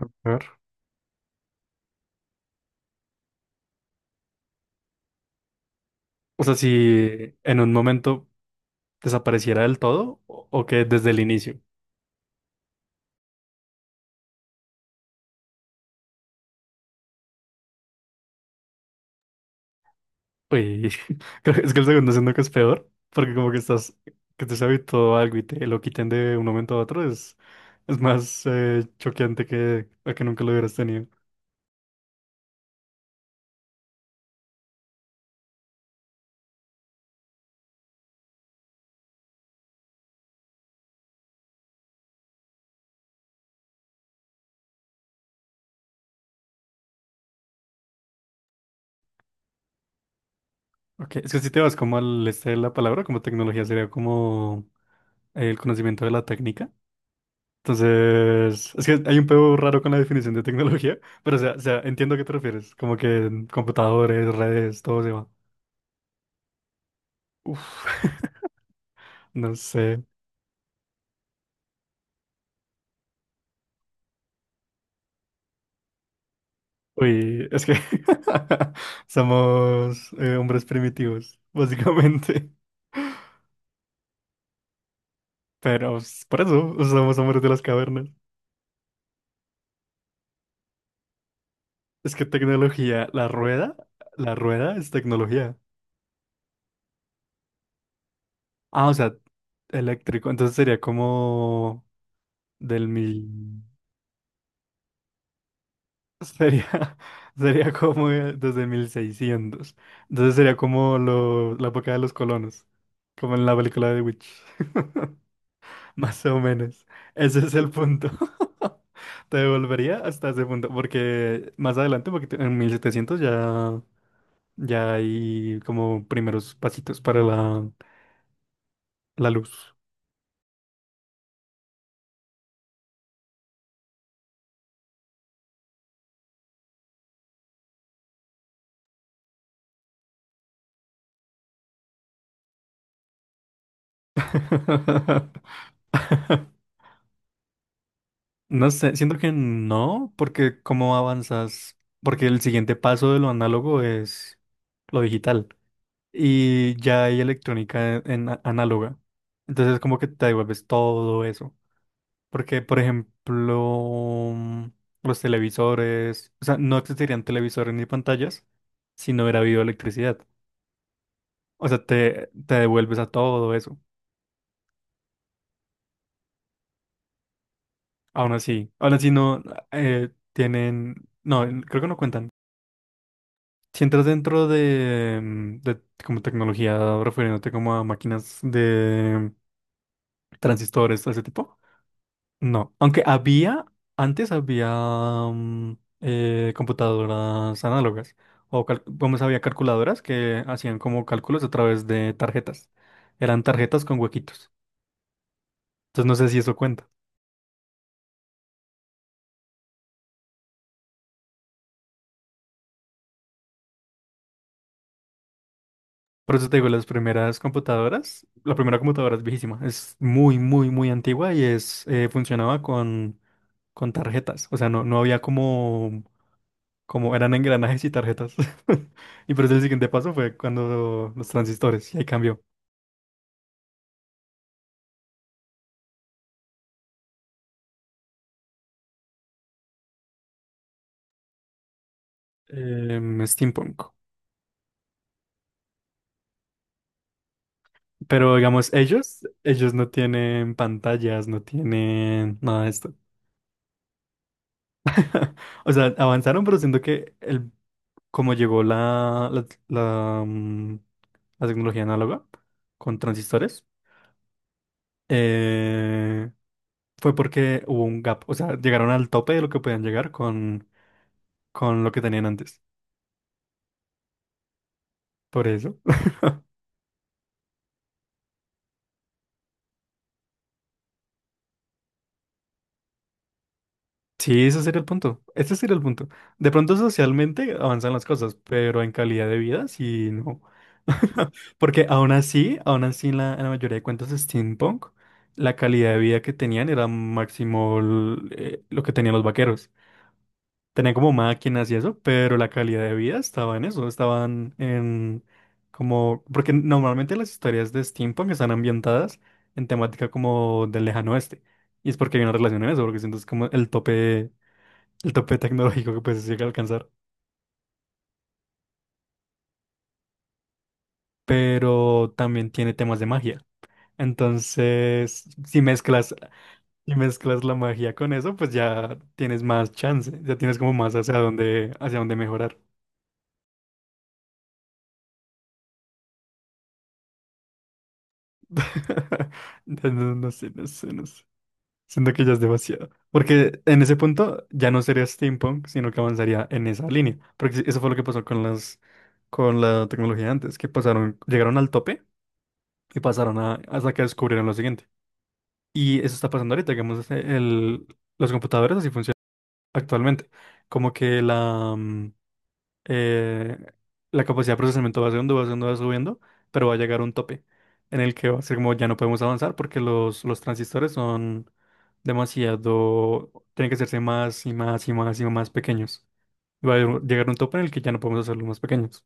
A ver. O sea, si en un momento desapareciera del todo o que desde el inicio. Uy, creo que es que el segundo siento que es peor, porque como que estás, que te has habituado a algo y te lo quiten de un momento a otro, es más choqueante que a que nunca lo hubieras tenido. Ok, es que si te vas como al este de la palabra, como tecnología sería como el conocimiento de la técnica. Entonces, es que hay un pedo raro con la definición de tecnología, pero o sea, entiendo a qué te refieres, como que en computadores, redes, todo se va. Uf, no sé. Uy, es que somos hombres primitivos, básicamente. Pero pues, por eso somos hombres de las cavernas. Es que tecnología, la rueda es tecnología. Ah, o sea, eléctrico. Entonces sería como del mil... Sería, sería como desde 1600. Entonces sería como la época de los colonos, como en la película de The Witch. Más o menos. Ese es el punto. Te devolvería hasta ese punto, porque más adelante, en 1700 ya hay como primeros pasitos para la luz. No sé, siento que no, porque cómo avanzas, porque el siguiente paso de lo análogo es lo digital y ya hay electrónica en, análoga. Entonces como que te devuelves todo eso. Porque, por ejemplo, los televisores, o sea, no existirían televisores ni pantallas si no hubiera habido electricidad. O sea, te devuelves a todo eso. Aún así no tienen, no, creo que no cuentan. Si entras dentro de, de como tecnología, refiriéndote como a máquinas de transistores, ese tipo. No, antes había mm, computadoras análogas, vamos, había calculadoras que hacían como cálculos a través de tarjetas. Eran tarjetas con huequitos. Entonces no sé si eso cuenta. Por eso te digo, las primeras computadoras, la primera computadora es viejísima, es muy antigua y funcionaba con tarjetas. O sea, no había como, como eran engranajes y tarjetas. Y por eso el siguiente paso fue cuando los transistores, y ahí cambió. Em, steampunk. Pero digamos, ellos no tienen pantallas, no tienen nada de esto. O sea, avanzaron, pero siento que como llegó la tecnología análoga con transistores, eh, fue porque hubo un gap. O sea, llegaron al tope de lo que podían llegar con lo que tenían antes. Por eso. Sí, ese sería el punto. Ese sería el punto. De pronto socialmente avanzan las cosas, pero en calidad de vida, sí, no. Porque aún así en en la mayoría de cuentos de steampunk, la calidad de vida que tenían era máximo lo que tenían los vaqueros. Tenían como máquinas y eso, pero la calidad de vida estaba en eso, estaban en como... Porque normalmente las historias de steampunk están ambientadas en temática como del lejano oeste. Y es porque hay una relación en eso, porque siento es como el tope tecnológico que pues se llega a alcanzar. Pero también tiene temas de magia. Entonces, si mezclas la magia con eso, pues ya tienes más chance, ya tienes como más hacia dónde mejorar. No sé, no sé. Siento que ya es demasiado. Porque en ese punto ya no sería steampunk, sino que avanzaría en esa línea. Porque sí, eso fue lo que pasó con con la tecnología antes, que pasaron, llegaron al tope y pasaron a, hasta que descubrieron lo siguiente. Y eso está pasando ahorita, digamos, los computadores así funcionan actualmente. Como que eh, la capacidad de procesamiento va subiendo, pero va a llegar a un tope en el que va a ser como ya no podemos avanzar porque los transistores son demasiado, tienen que hacerse más y más pequeños. Y va a llegar a un tope en el que ya no podemos hacerlos más pequeños.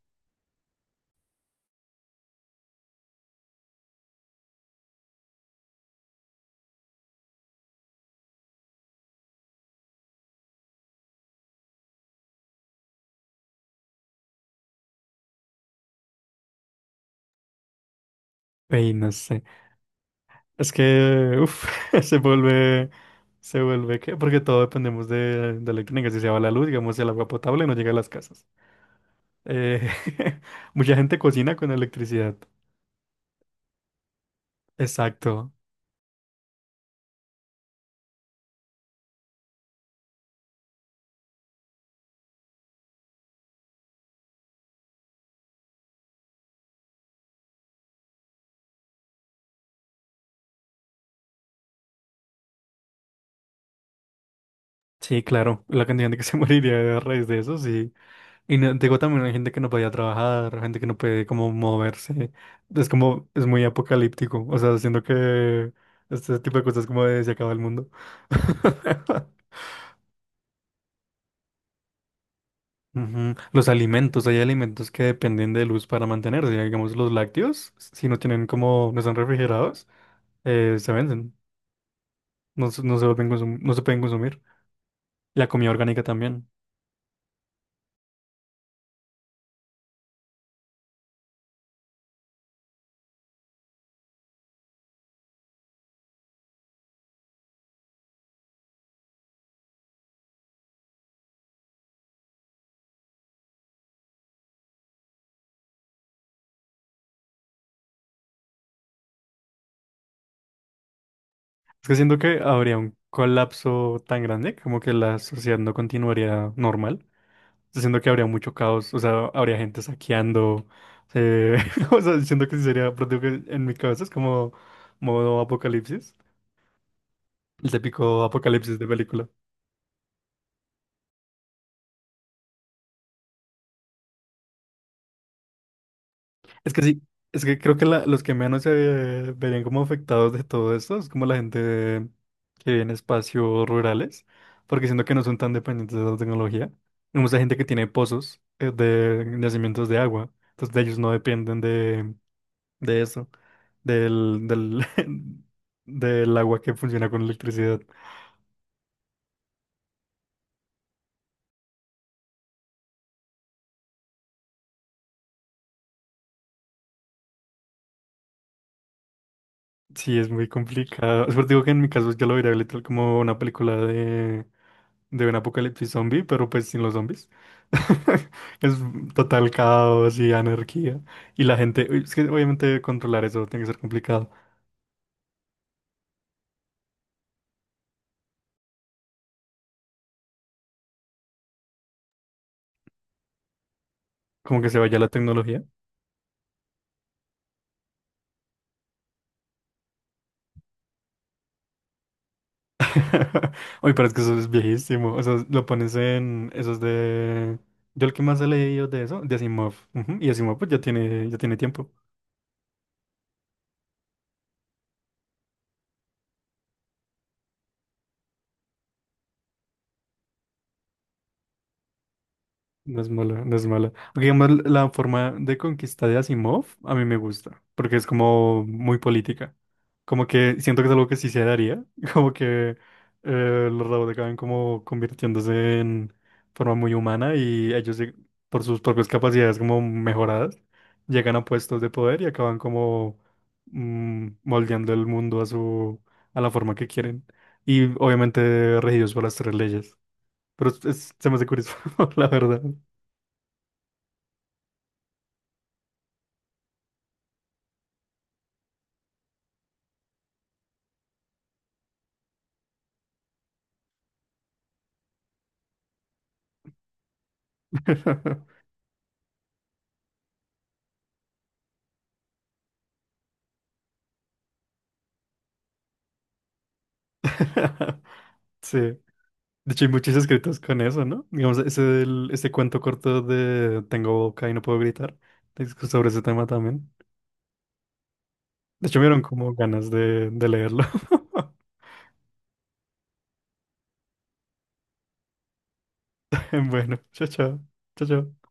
Y no sé, es que, uff, se vuelve, se vuelve que, porque todo dependemos de electrónica, si se va la luz, digamos, si el agua potable no llega a las casas. Eh, mucha gente cocina con electricidad. Exacto. Sí, claro, la cantidad de gente que se moriría a raíz de eso, sí. Digo también hay gente que no podía trabajar, gente que no puede como moverse. Es como, es muy apocalíptico. O sea, siento que este tipo de cosas como de se acaba el mundo. Ujú. Los alimentos, hay alimentos que dependen de luz para mantenerse. Digamos, los lácteos, si no tienen como, no están refrigerados, se venden. No se vuelven no se pueden consumir. La comida orgánica también. Es que siento que habría un colapso tan grande como que la sociedad no continuaría normal. O sea, siento que habría mucho caos, o sea, habría gente saqueando. eh, o sea, siento que sí sería, pero digo que en mi cabeza es como modo apocalipsis, el típico apocalipsis de película. Es que sí, es que creo que los que menos se verían como afectados de todo esto es como la gente que vive en espacios rurales, porque siento que no son tan dependientes de la tecnología. Hay mucha gente que tiene pozos de nacimientos de agua, entonces de ellos no dependen de eso, del, del, del agua que funciona con electricidad. Sí, es muy complicado. Es por eso digo que en mi caso yo lo vería literal como una película de un apocalipsis zombie, pero pues sin los zombies. Es total caos y anarquía. Y la gente, uy, es que obviamente controlar eso tiene que ser complicado. Como que se vaya la tecnología. Uy, pero es que eso es viejísimo. O sea, lo pones en esos de... Yo el que más he leído de eso, de Asimov. Ujú, y Asimov pues ya tiene tiempo. No es mala. Aunque, digamos, la forma de conquista de Asimov a mí me gusta, porque es como muy política. Como que siento que es algo que sí se daría, como que los robots acaban como convirtiéndose en forma muy humana y ellos por sus propias capacidades como mejoradas llegan a puestos de poder y acaban como moldeando el mundo a su a la forma que quieren y obviamente regidos por las 3 leyes. Pero se me hace curioso, la verdad. Sí. De hecho, hay muchos escritos con eso, ¿no? Digamos, ese cuento corto de Tengo boca y no puedo gritar, es sobre ese tema también. De hecho, me dieron como ganas de leerlo. Bueno, chao, chao. Chao, chao.